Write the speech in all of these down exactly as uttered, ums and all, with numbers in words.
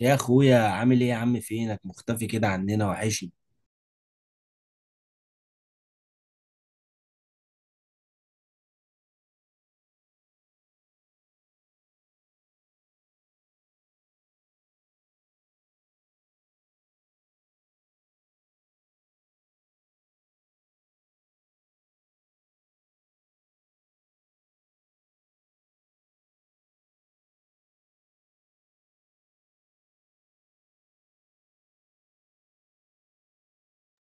يا اخويا، عامل ايه يا عم؟ فينك مختفي كده عننا؟ وحشني.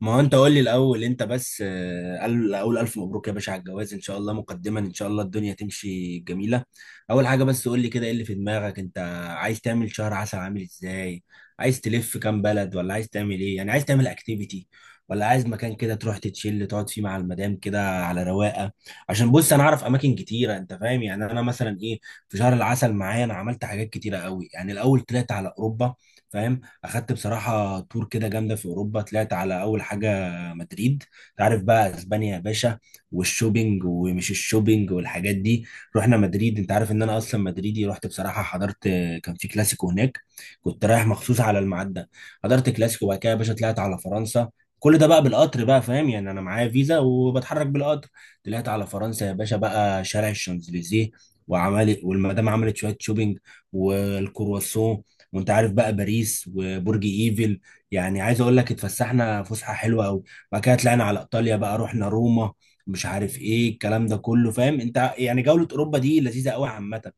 ما هو انت قول لي الاول انت بس آه، قال- اقول الف مبروك يا باشا على الجواز، ان شاء الله مقدما، ان شاء الله الدنيا تمشي جميله. اول حاجه بس قول لي كده، ايه اللي في دماغك انت؟ عايز تعمل شهر عسل عامل ازاي؟ عايز تلف كام بلد ولا عايز تعمل ايه؟ يعني عايز تعمل اكتيفيتي ولا عايز مكان كده تروح تتشيل تقعد فيه مع المدام كده على رواقه؟ عشان بص، انا اعرف اماكن كتيره، انت فاهم؟ يعني انا مثلا ايه، في شهر العسل معايا انا عملت حاجات كتيره قوي. يعني الاول طلعت على اوروبا، فاهم؟ اخدت بصراحه تور كده جامده في اوروبا. طلعت على اول حاجه مدريد. تعرف بقى اسبانيا يا باشا؟ والشوبينج ومش الشوبينج والحاجات دي. رحنا مدريد، انت عارف ان انا اصلا مدريدي. رحت بصراحه حضرت، كان في كلاسيكو هناك. كنت رايح مخصوص على الميعاد ده. حضرت كلاسيكو، وبعد كده يا باشا طلعت على فرنسا. كل ده بقى بالقطر بقى، فاهم؟ يعني انا معايا فيزا وبتحرك بالقطر. طلعت على فرنسا يا باشا، بقى شارع الشانزليزيه وعملت، والمدام عملت شويه شوبينج والكرواسون، وانت عارف بقى باريس وبرج ايفل. يعني عايز اقول لك اتفسحنا فسحه حلوه قوي. بعد كده طلعنا على ايطاليا بقى، رحنا روما، مش عارف ايه الكلام ده كله، فاهم انت؟ ع- يعني جوله اوروبا دي لذيذه قوي عامه.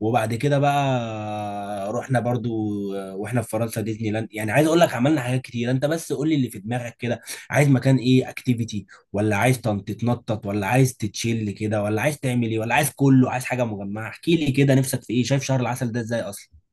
وبعد كده بقى رحنا برضو آه، واحنا في فرنسا ديزني لاند. يعني عايز اقول لك عملنا حاجات كتير. انت بس قول لي اللي في دماغك كده، عايز مكان ايه؟ اكتيفيتي ولا عايز تن- تتنطط ولا عايز تتشيل كده ولا عايز تعمل ايه؟ ولا عايز كله، عايز حاجه مجمعه؟ احكي لي كده، نفسك في ايه؟ شايف شهر العسل ده ازاي اصلا؟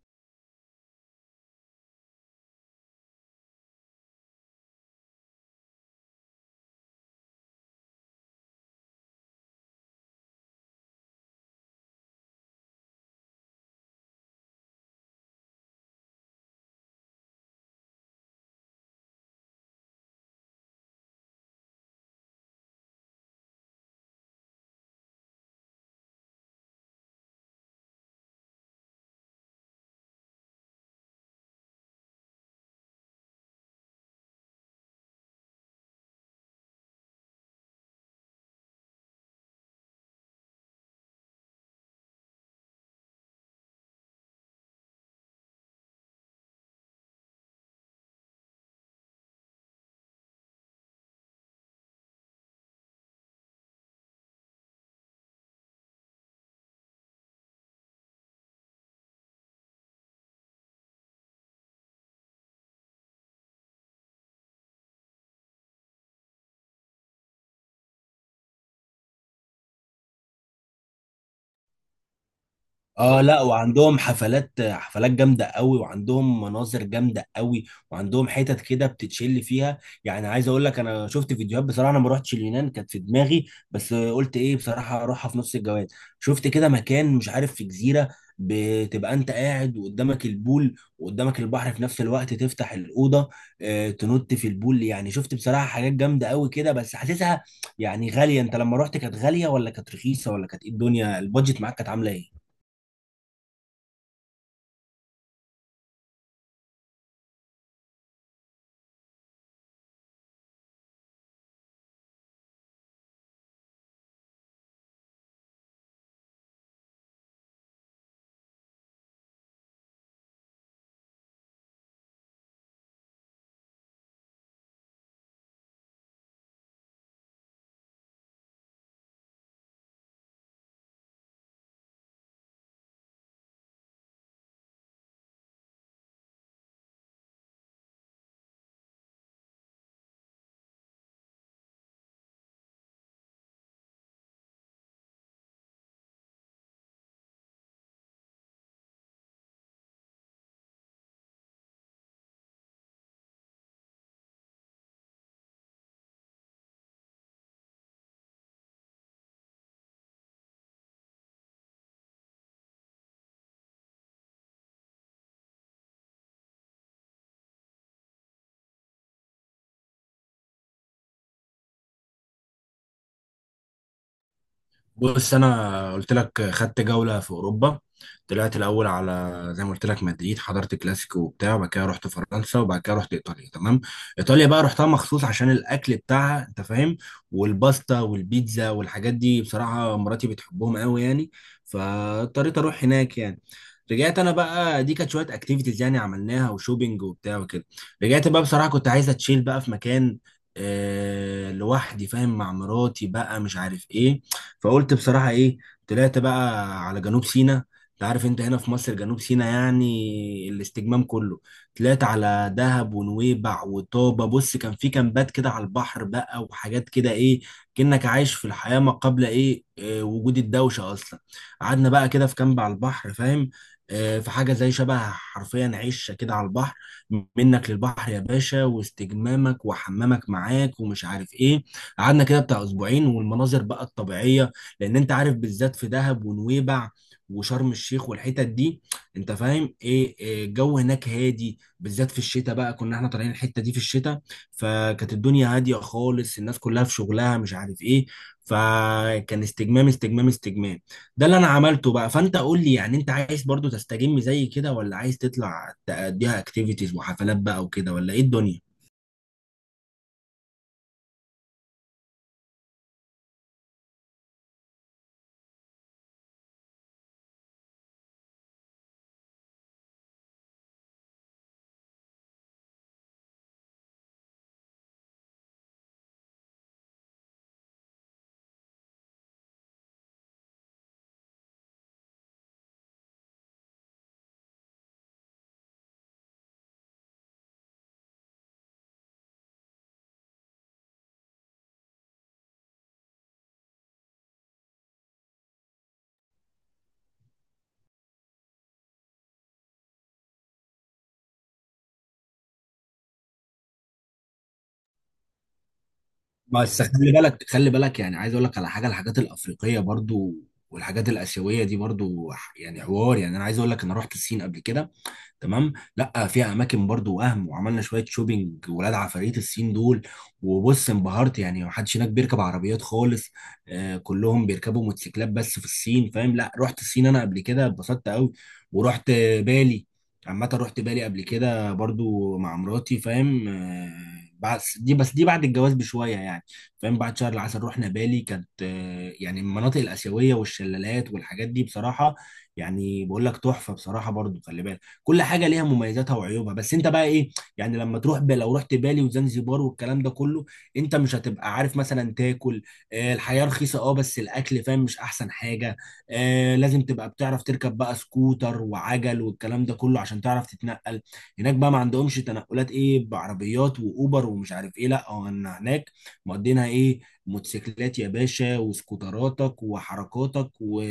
اه، لا، وعندهم حفلات حفلات جامده قوي، وعندهم مناظر جامده قوي، وعندهم حتت كده بتتشل فيها. يعني عايز اقول لك انا شفت فيديوهات بصراحه. انا ما رحتش اليونان، كانت في دماغي، بس قلت ايه بصراحه اروحها في نص الجواز. شفت كده مكان، مش عارف في جزيره، بتبقى انت قاعد وقدامك البول وقدامك البحر في نفس الوقت، تفتح الاوضه آه، تنط في البول. يعني شفت بصراحه حاجات جامده قوي كده، بس حاسسها يعني غاليه. انت لما رحت كانت غاليه ولا كانت رخيصه؟ ولا كانت ايه الدنيا؟ البادجت معاك كانت عامله ايه؟ بص، انا قلت لك خدت جوله في اوروبا. طلعت الاول على زي ما قلت لك مدريد، حضرت كلاسيكو وبتاع، وبعد كده رحت فرنسا، وبعد كده رحت ايطاليا، تمام؟ ايطاليا بقى رحتها مخصوص عشان الاكل بتاعها، انت فاهم؟ والباستا والبيتزا والحاجات دي، بصراحه مراتي بتحبهم قوي يعني، فاضطريت اروح هناك يعني. رجعت انا بقى، دي كانت شويه اكتيفيتيز يعني عملناها، وشوبينج وبتاع وكده. رجعت بقى بصراحه كنت عايز اتشيل بقى في مكان آه، لوحدي، فاهم؟ مع مراتي بقى، مش عارف ايه. فقلت بصراحة ايه، طلعت بقى على جنوب سيناء. انت عارف انت هنا في مصر جنوب سيناء يعني الاستجمام كله. طلعت على دهب ونويبع وطابة. بص، كان في كامبات كده على البحر بقى، وحاجات كده ايه، كأنك عايش في الحياة ما قبل ايه آه، وجود الدوشة اصلا. قعدنا بقى كده في كامب على البحر، فاهم؟ آه، في حاجة زي شبه حرفيا عشة كده على البحر، منك للبحر يا باشا، واستجمامك وحمامك معاك ومش عارف ايه. قعدنا كده بتاع اسبوعين، والمناظر بقى الطبيعية، لان انت عارف بالذات في دهب ونويبع وشرم الشيخ والحتت دي، انت فاهم ايه؟ إيه، الجو هناك هادي، بالذات في الشتاء بقى، كنا احنا طالعين الحتة دي في الشتاء. فكانت الدنيا هادية خالص، الناس كلها في شغلها مش عارف ايه. فكان استجمام استجمام استجمام. ده اللي انا عملته بقى. فانت قول لي يعني انت عايز برضو تستجم زي كده، ولا عايز تطلع تأديها اكتيفيتيز وحفلات بقى وكده، ولا ايه الدنيا؟ بس خلي بالك، خلي بالك، يعني عايز اقول لك على حاجه، الحاجات الافريقيه برضو والحاجات الاسيويه دي برضو، ح- يعني حوار. يعني انا عايز اقول لك انا رحت الصين قبل كده، تمام؟ لا، فيها اماكن برضو وهم، وعملنا شويه شوبينج، ولاد عفاريت الصين دول. وبص انبهرت، يعني محدش هناك بيركب عربيات خالص. آه كلهم بيركبوا موتوسيكلات بس في الصين، فاهم؟ لا، رحت الصين انا قبل كده، اتبسطت قوي. ورحت بالي. عامه رحت بالي قبل كده برضو مع مراتي، فاهم آه؟ بس دي بس دي بعد الجواز بشويه يعني، فاهم؟ بعد شهر العسل رحنا بالي. كانت آه، يعني المناطق الآسيوية والشلالات والحاجات دي بصراحة، يعني بقول لك تحفة بصراحة. برضو خلي بالك، كل حاجه ليها مميزاتها وعيوبها، بس انت بقى ايه. يعني لما تروح ب... لو رحت بالي وزنزبار والكلام ده كله، انت مش هتبقى عارف مثلا تاكل. آه الحياه رخيصه، اه بس الاكل فاهم مش احسن حاجه. آه لازم تبقى بتعرف تركب بقى سكوتر وعجل والكلام ده كله عشان تعرف تتنقل. هناك بقى ما عندهمش تنقلات ايه بعربيات واوبر ومش عارف ايه. لا، هو إن هناك مقضينها ايه، موتوسيكلات يا باشا وسكوتراتك وحركاتك و...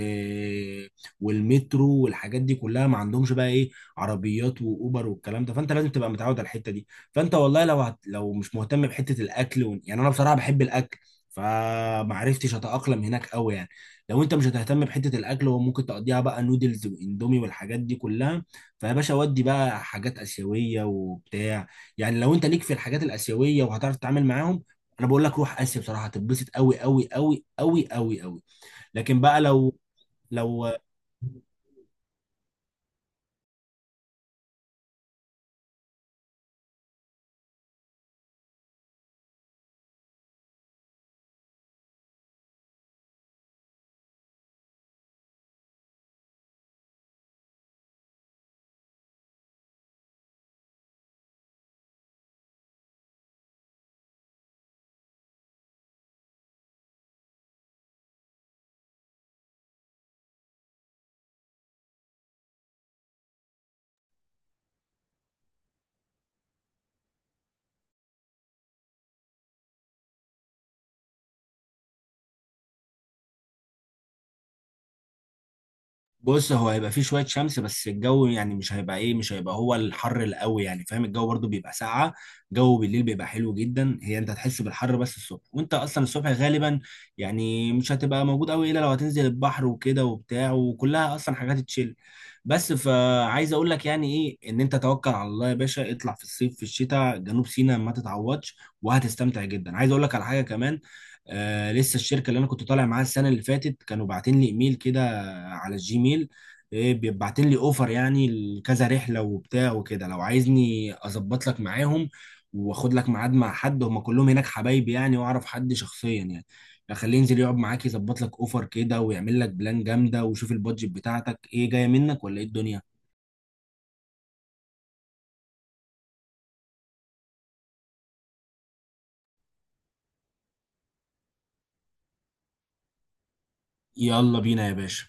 والمترو والحاجات دي كلها. ما عندهمش بقى ايه عربيات واوبر والكلام ده، فانت لازم تبقى متعود على الحته دي. فانت والله لو هت... لو مش مهتم بحته الاكل و... يعني انا بصراحه بحب الاكل، فما عرفتش اتاقلم هناك قوي يعني. لو انت مش هتهتم بحته الاكل وممكن تقضيها بقى نودلز واندومي والحاجات دي كلها، فيا باشا، ودي بقى حاجات اسيويه وبتاع. يعني لو انت ليك في الحاجات الاسيويه وهتعرف تتعامل معاهم، انا بقول لك روح اسيا بصراحه، هتتبسط قوي قوي قوي قوي قوي قوي. لكن بقى لو لو بص، هو هيبقى فيه شوية شمس بس الجو يعني مش هيبقى ايه، مش هيبقى هو الحر القوي يعني، فاهم؟ الجو برضو بيبقى ساقعة. جو بالليل بيبقى حلو جدا، هي انت هتحس بالحر بس الصبح، وانت اصلا الصبح غالبا يعني مش هتبقى موجود قوي، الا لو هتنزل البحر وكده وبتاع، وكلها اصلا حاجات تشيل بس. فعايز اقول لك يعني ايه، ان انت توكل على الله يا باشا، اطلع في الصيف في الشتاء جنوب سيناء ما تتعوضش، وهتستمتع جدا. عايز اقول لك على حاجة كمان، آه لسه الشركة اللي انا كنت طالع معاها السنة اللي فاتت كانوا باعتين لي ايميل كده على الجيميل، إيه بيبعتين لي اوفر يعني لكذا رحله وبتاع وكده. لو عايزني اظبط لك معاهم، واخد لك ميعاد مع حد، هم كلهم هناك حبايبي يعني واعرف حد شخصيا يعني، اخليه ينزل يقعد معاك يظبط لك اوفر كده، ويعمل لك بلان جامده، وشوف البادجت بتاعتك ايه جايه منك ولا ايه الدنيا. يلا بينا يا باشا.